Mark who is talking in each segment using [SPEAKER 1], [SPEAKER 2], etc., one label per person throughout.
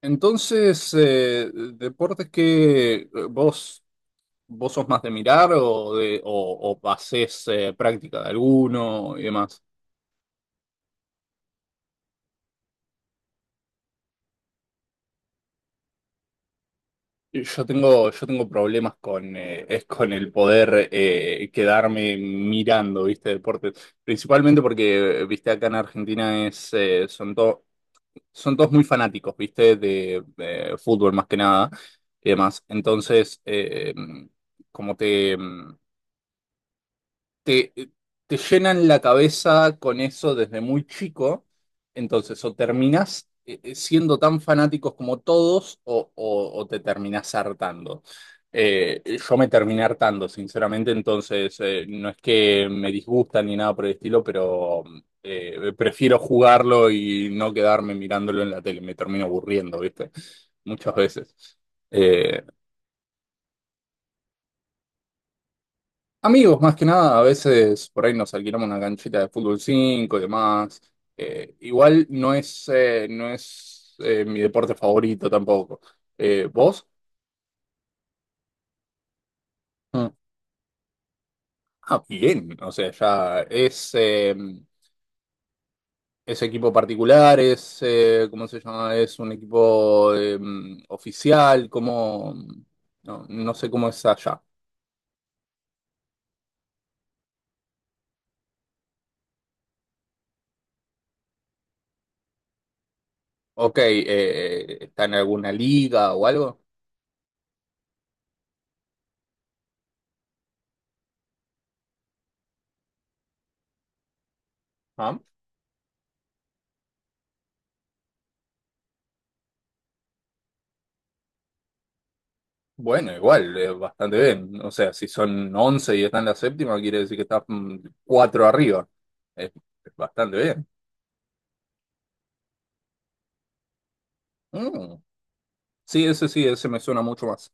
[SPEAKER 1] Entonces, deportes que vos sos más de mirar o hacés práctica de alguno y demás. Yo tengo problemas con el poder quedarme mirando, ¿viste? Deportes. Principalmente porque, viste, acá en Argentina es, son todos muy fanáticos, ¿viste? De, fútbol más que nada y demás. Entonces, como te... mm, te, te llenan la cabeza con eso desde muy chico. Entonces o terminás siendo tan fanáticos como todos o te terminás hartando. Yo me terminé hartando, sinceramente. Entonces, no es que me disgusta ni nada por el estilo, pero prefiero jugarlo y no quedarme mirándolo en la tele, me termino aburriendo, ¿viste? Muchas veces. Eh, Amigos, más que nada. A veces por ahí nos alquilamos una canchita de fútbol 5 y demás. Igual no es mi deporte favorito tampoco. ¿Vos? Mm. Ah, bien. O sea, ya es equipo particular. ¿Cómo se llama? Es un equipo oficial, como... No, no sé cómo es allá. Ok. ¿Está en alguna liga o algo? Bueno, igual, bastante bien. O sea, si son 11 y está en la séptima, quiere decir que está cuatro arriba. Es, es bastante bien. Mm. Sí, ese me suena mucho más.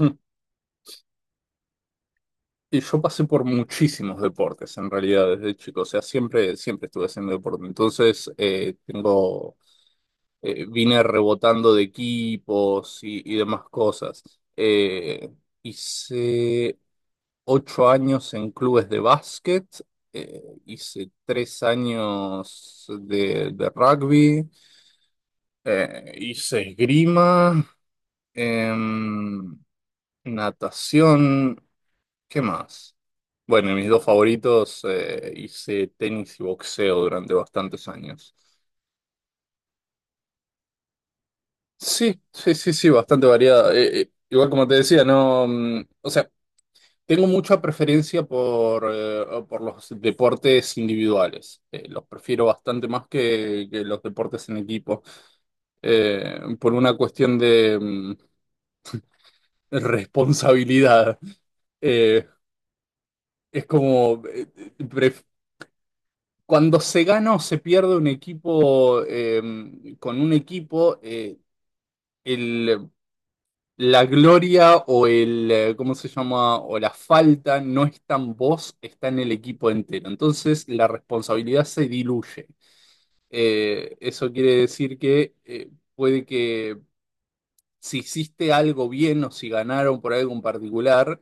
[SPEAKER 1] Mm. Y yo pasé por muchísimos deportes, en realidad, desde chico. O sea, siempre estuve haciendo deporte. Entonces, tengo vine rebotando de equipos y demás cosas. Eh, Hice 8 años en clubes de básquet, hice 3 años de rugby, hice esgrima, em, natación. ¿Qué más? Bueno, y mis dos favoritos, hice tenis y boxeo durante bastantes años. Sí, sí, sí, sí, bastante variada. Igual como te decía, no, o sea, tengo mucha preferencia por los deportes individuales. Los prefiero bastante más que los deportes en equipo. Por una cuestión de responsabilidad. Eh, es como, pref- cuando se gana o se pierde un equipo, con un equipo, la gloria o el, ¿cómo se llama? O la falta no está en vos, está en el equipo entero. Entonces la responsabilidad se diluye. Eso quiere decir que puede que si hiciste algo bien o si ganaron por algo en particular,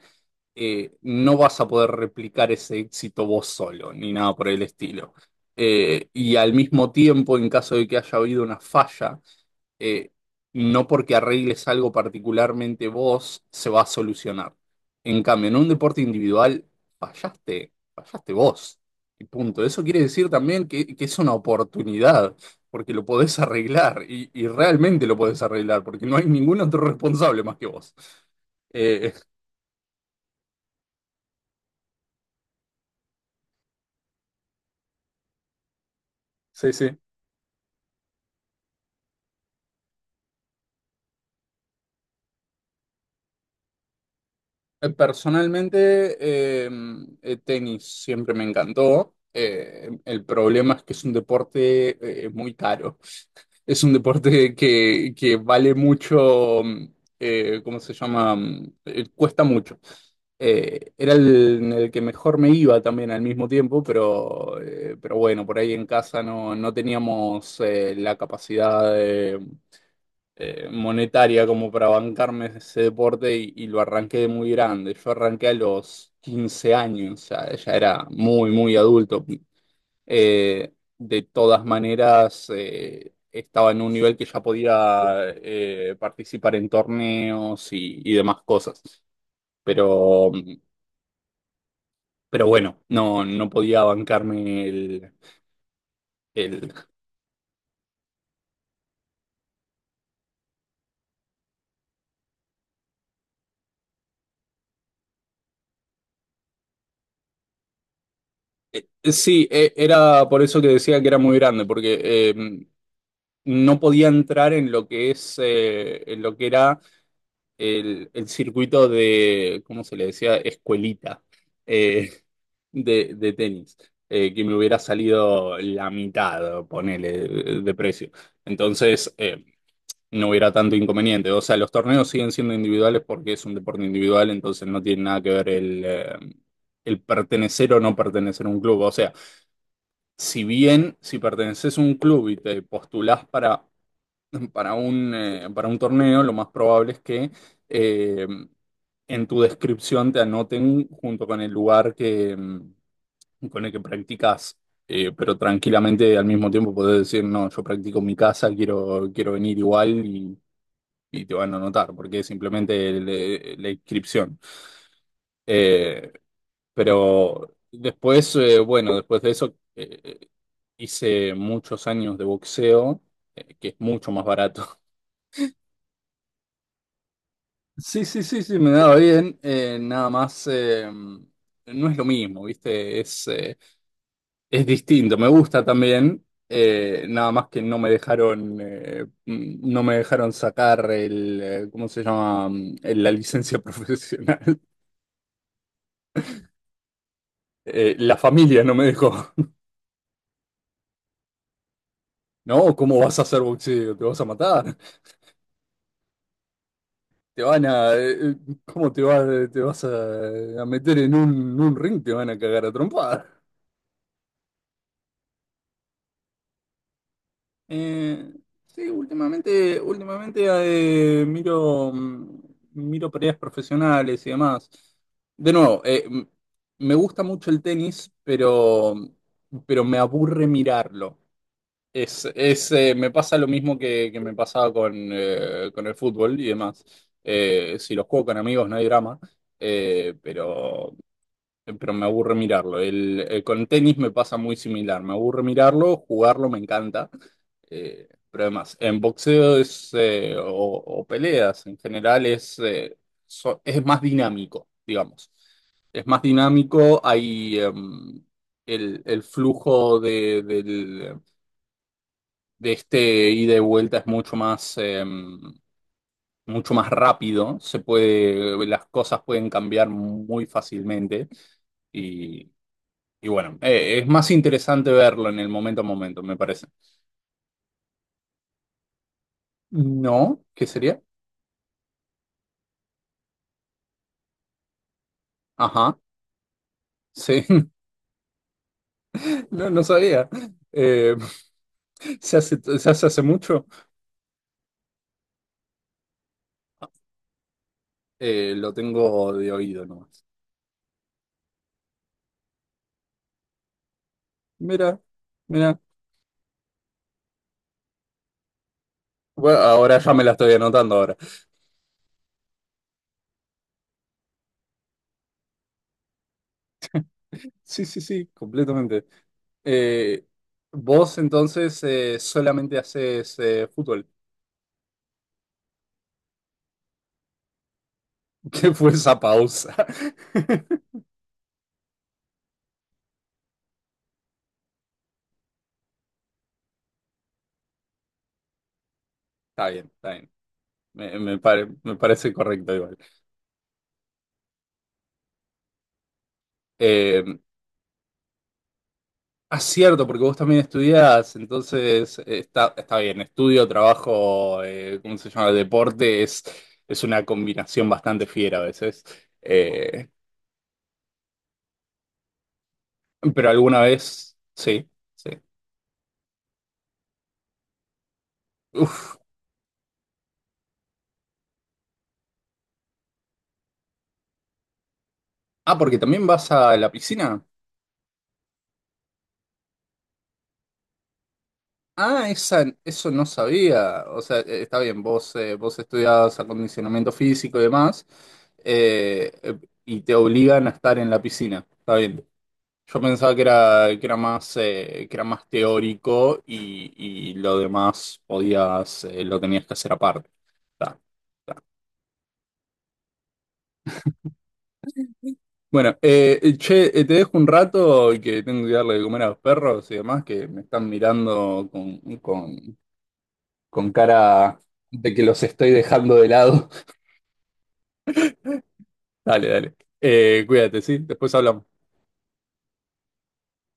[SPEAKER 1] no vas a poder replicar ese éxito vos solo, ni nada por el estilo. Y al mismo tiempo, en caso de que haya habido una falla, eh, no porque arregles algo particularmente vos, se va a solucionar. En cambio, en un deporte individual, fallaste, fallaste vos. Y punto. Eso quiere decir también que es una oportunidad, porque lo podés arreglar, y realmente lo podés arreglar, porque no hay ningún otro responsable más que vos. Eh, sí, sí. Personalmente, eh, tenis siempre me encantó. El problema es que es un deporte muy caro. Es un deporte que vale mucho. ¿Cómo se llama? Cuesta mucho. Era en el que mejor me iba también al mismo tiempo, pero bueno, por ahí en casa no teníamos la capacidad monetaria como para bancarme ese deporte y lo arranqué de muy grande. Yo arranqué a los 15 años, ya era muy, muy adulto. Eh, de todas maneras, estaba en un nivel que ya podía participar en torneos y demás cosas. Pero, pero bueno, no podía bancarme el. Sí, era por eso que decía que era muy grande, porque eh, no podía entrar en lo que en lo que era el circuito de, ¿cómo se le decía? Escuelita, eh, de tenis, que me hubiera salido la mitad, ponele, de precio. Entonces, no hubiera tanto inconveniente. O sea, los torneos siguen siendo individuales porque es un deporte individual, entonces no tiene nada que ver el pertenecer o no pertenecer a un club. O sea, si bien si perteneces a un club y te postulás para para un torneo, lo más probable es que eh, en tu descripción te anoten junto con el lugar con el que practicas. Pero tranquilamente al mismo tiempo podés decir, no, yo practico en mi casa, quiero venir igual y te van a anotar, porque es simplemente la inscripción. Eh, pero después, bueno, después de eso hice muchos años de boxeo, que es mucho más barato. Sí, sí, sí, sí, me daba bien. Nada más, no es lo mismo, ¿viste? Es distinto, me gusta también. Nada más que no me dejaron, no me dejaron sacar ¿cómo se llama? La licencia profesional. La familia no me dejó. No, ¿cómo vas a hacer boxeo? ¿Te vas a matar? ¿Te van a, eh, eh, cómo te vas a meter en un ring? Te van a cagar a trompadas. Eh, sí, últimamente miro peleas profesionales y demás. De nuevo, me gusta mucho el tenis, pero me aburre mirarlo. Me pasa lo mismo que me pasaba con el fútbol y demás. Si los juego con amigos no hay drama. Eh, pero, pero me aburre mirarlo. Con tenis me pasa muy similar. Me aburre mirarlo, jugarlo me encanta. Pero además, en boxeo o peleas en general es más dinámico, digamos. Es más dinámico, hay el flujo de este ida y vuelta es mucho más, mucho más rápido. Las cosas pueden cambiar muy fácilmente y, y bueno, es más interesante verlo en el momento a momento, me parece. No, ¿qué sería? Ajá, sí. No, no sabía. Eh, se hace hace mucho. Lo tengo de oído nomás. Mira, mira. Bueno, ahora ya me la estoy anotando ahora. Sí, sí, sí, completamente. Eh, Vos entonces solamente haces fútbol. ¿Qué fue esa pausa? Está bien, está bien. Me parece correcto igual. Eh, Ah, cierto, porque vos también estudiás. Entonces, está bien, estudio, trabajo, ¿cómo se llama? Deporte es una combinación bastante fiera a veces. Eh, pero alguna vez, sí, sí. Uf. Ah, porque también vas a la piscina. Ah, esa, eso no sabía. O sea, está bien, vos estudiás acondicionamiento físico y demás, eh, eh, y te obligan a estar en la piscina. Está bien. Yo pensaba que era más teórico y lo demás lo tenías que hacer aparte. Ta. Bueno, che, te dejo un rato, y que tengo que darle de comer a los perros y demás, que me están mirando con cara de que los estoy dejando de lado. Dale, dale. Cuídate, ¿sí? Después hablamos.